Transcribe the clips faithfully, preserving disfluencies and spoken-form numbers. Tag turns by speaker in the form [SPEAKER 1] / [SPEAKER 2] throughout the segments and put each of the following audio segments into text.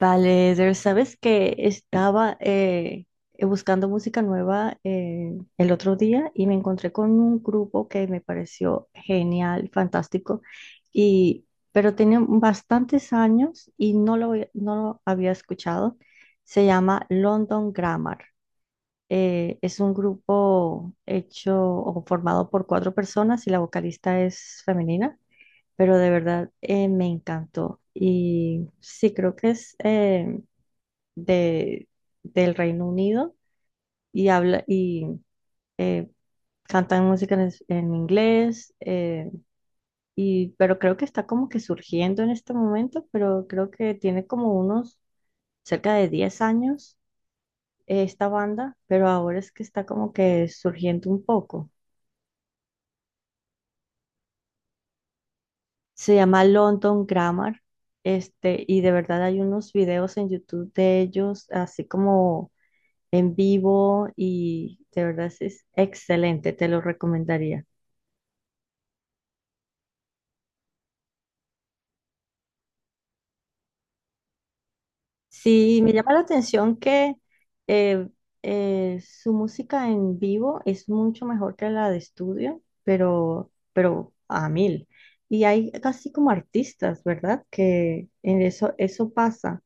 [SPEAKER 1] Vale, Eder, sabes que estaba eh, eh, buscando música nueva, eh, el otro día y me encontré con un grupo que me pareció genial, fantástico, y, pero tiene bastantes años y no lo, había- no lo había escuchado. Se llama London Grammar. Eh, es un grupo hecho o formado por cuatro personas y la vocalista es femenina, pero de verdad, eh, me encantó. Y sí, creo que es... eh, de, del Reino Unido y, habla, y eh, cantan música en, es- en inglés, eh, y, pero creo que está como que surgiendo en este momento, pero creo que tiene como unos cerca de diez años, eh, esta banda, pero ahora es que está como que surgiendo un poco. Se llama London Grammar, este, y de verdad hay unos videos en YouTube de ellos, así como en vivo, y de verdad es es excelente, te lo recomendaría. Sí, me llama la atención que eh, eh, su música en vivo es mucho mejor que la de estudio, pero, pero a mil. Y hay casi como artistas, ¿verdad? Que en eso, eso pasa.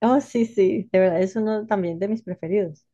[SPEAKER 1] Oh, sí, sí, de verdad, es uno también de mis preferidos.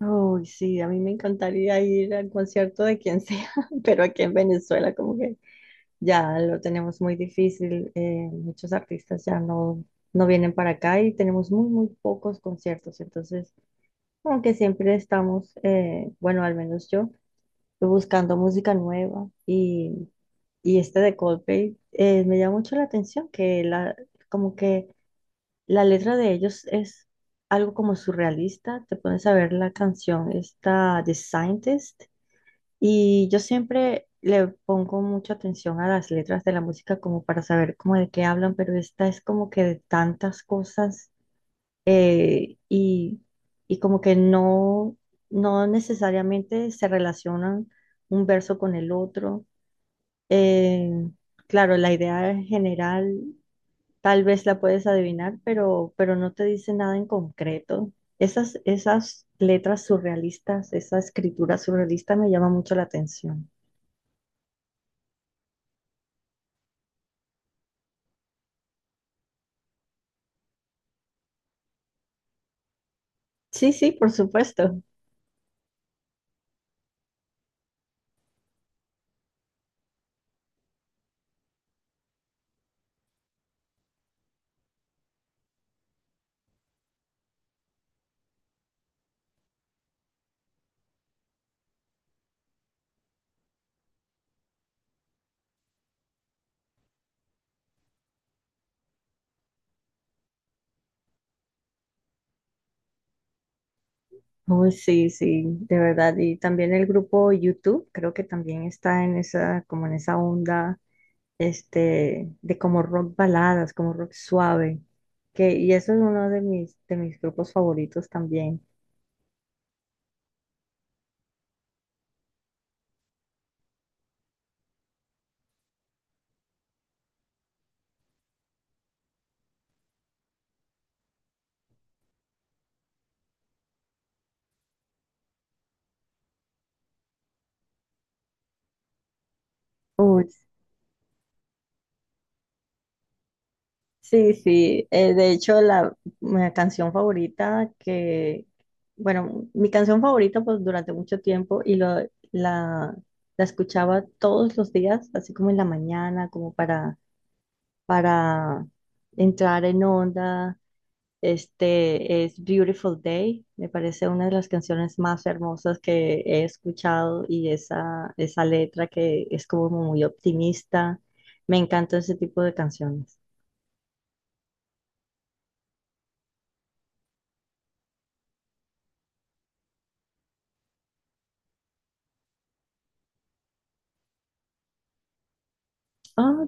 [SPEAKER 1] Oh, sí, a mí me encantaría ir al concierto de quien sea, pero aquí en Venezuela, como que ya lo tenemos muy difícil. Eh, muchos artistas ya no, no vienen para acá y tenemos muy, muy pocos conciertos. Entonces, aunque siempre estamos, eh, bueno, al menos yo, buscando música nueva y, y este de Coldplay, eh, me llama mucho la atención que la, como que la letra de ellos es algo como surrealista. Te pones a ver la canción, esta The Scientist. Y yo siempre le pongo mucha atención a las letras de la música como para saber cómo de qué hablan, pero esta es como que de tantas cosas, eh, y, y como que no, no necesariamente se relacionan un verso con el otro. Eh, claro, la idea general tal vez la puedes adivinar, pero, pero no te dice nada en concreto. Esas, esas letras surrealistas, esa escritura surrealista me llama mucho la atención. Sí, sí, por supuesto. Uy, sí, sí, de verdad. Y también el grupo YouTube, creo que también está en esa, como en esa onda, este, de como rock baladas, como rock suave. Que, y eso es uno de mis, de mis grupos favoritos también. Uy, sí, sí. Eh, de hecho, la, mi canción favorita que, bueno, mi canción favorita pues durante mucho tiempo y lo, la, la escuchaba todos los días, así como en la mañana, como para para entrar en onda. Este es Beautiful Day, me parece una de las canciones más hermosas que he escuchado y esa, esa letra que es como muy optimista. Me encanta ese tipo de canciones. Ah,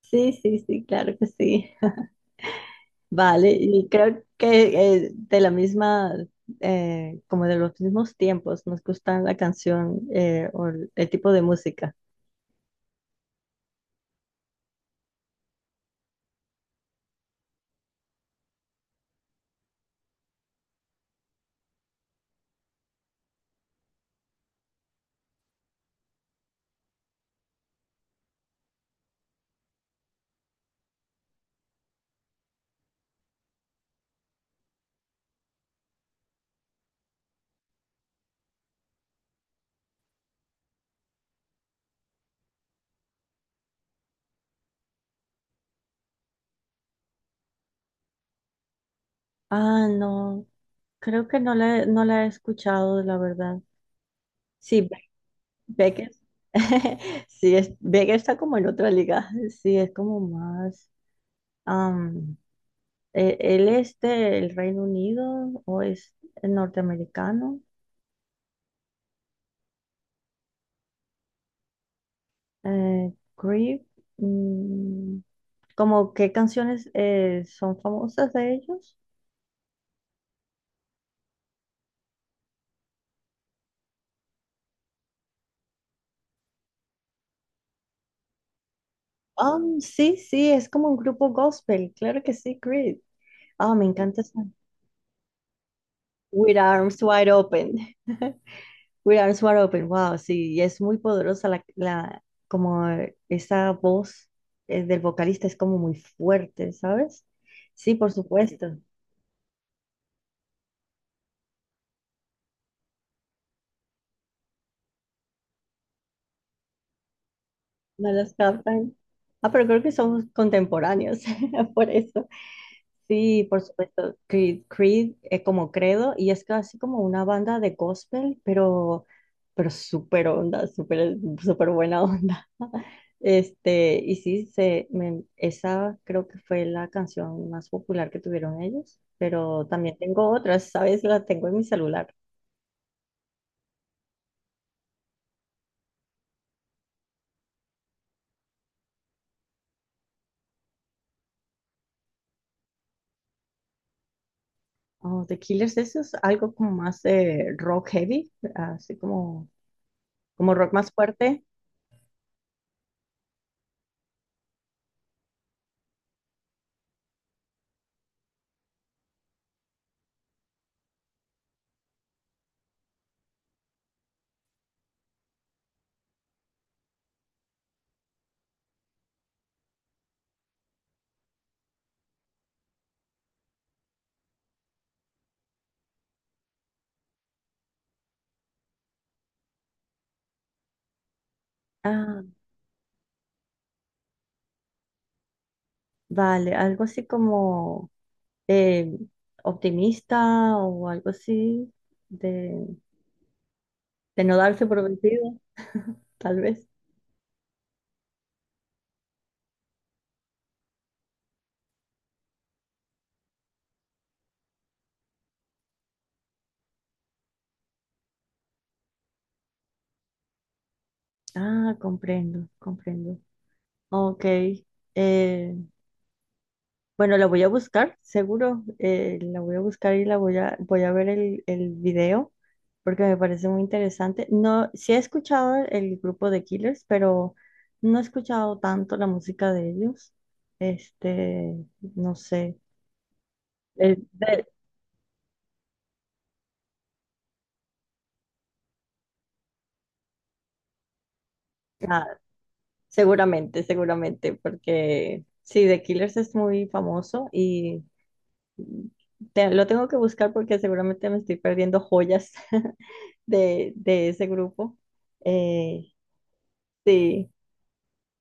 [SPEAKER 1] sí, sí, sí, claro que sí. Vale, y creo que, eh, de la misma, eh, como de los mismos tiempos, nos gusta la canción, eh, o el el tipo de música. Ah, no, creo que no la, no la he escuchado, la verdad. Sí, Be- Becker. Sí, es, Becker está como en otra liga. Sí, es como más. am, e- Él es del Reino Unido o es norteamericano. Eh, Creep. Mm, como qué canciones, eh, son famosas de ellos. Um, sí, sí, es como un grupo gospel, claro que sí, Creed. Ah, me encanta esa. With Arms Wide Open. We Are Smart Open, wow, sí, y es muy poderosa la, la, como, eh, esa voz, eh, del vocalista es como muy fuerte, ¿sabes? Sí, por supuesto, no las captan. Ah, pero creo que somos contemporáneos, por eso. Sí, por supuesto. Creed, Creed es como credo y es casi como una banda de gospel, pero, pero súper onda, súper, súper buena onda. Este, y sí, se, me- esa creo que fue la canción más popular que tuvieron ellos, pero también tengo otras, ¿sabes? La tengo en mi celular. Oh, The Killers, eso es algo como más, eh, rock heavy, así como, como rock más fuerte. Ah, vale, algo así como... eh, optimista o algo así, de, de no darse por vencido, tal vez. Ah, comprendo, comprendo. Ok. eh, bueno, la voy a buscar, seguro. Eh, la voy a buscar y la voy a, voy a ver el, el video porque me parece muy interesante. No, sí he escuchado el grupo de Killers, pero no he escuchado tanto la música de ellos. Este, no sé. Es Seguramente, seguramente, porque sí, The Killers es muy famoso y te- lo tengo que buscar porque seguramente me estoy perdiendo joyas de, de ese grupo. Eh, sí,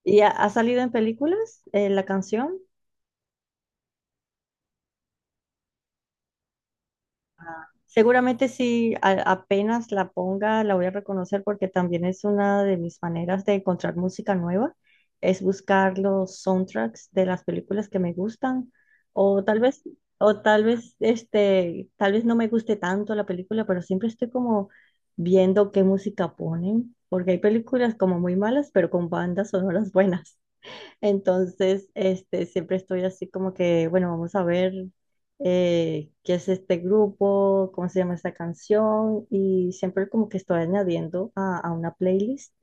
[SPEAKER 1] ¿Y ha, ha salido en películas, eh, la canción? Ah, seguramente si a- apenas la ponga, la voy a reconocer porque también es una de mis maneras de encontrar música nueva, es buscar los soundtracks de las películas que me gustan o tal vez o tal vez este tal vez no me guste tanto la película, pero siempre estoy como viendo qué música ponen, porque hay películas como muy malas, pero con bandas sonoras buenas. Entonces, este, siempre estoy así como que, bueno, vamos a ver, eh, qué es este grupo, cómo se llama esta canción, y siempre como que estoy añadiendo a, a una playlist.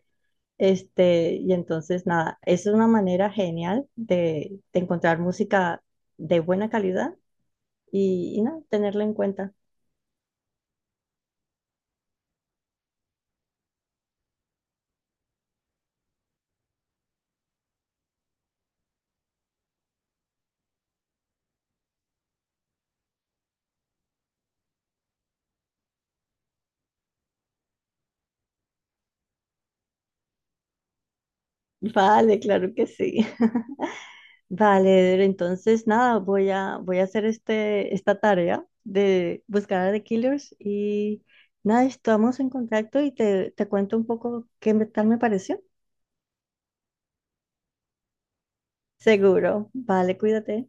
[SPEAKER 1] Este, y entonces, nada, es una manera genial de, de encontrar música de buena calidad y, y nada, tenerla en cuenta. Vale, claro que sí. Vale, entonces nada, voy a, voy a hacer este, esta tarea de buscar a The Killers y nada, estamos en contacto y te, te cuento un poco qué me- tal me pareció. Seguro. Vale, cuídate.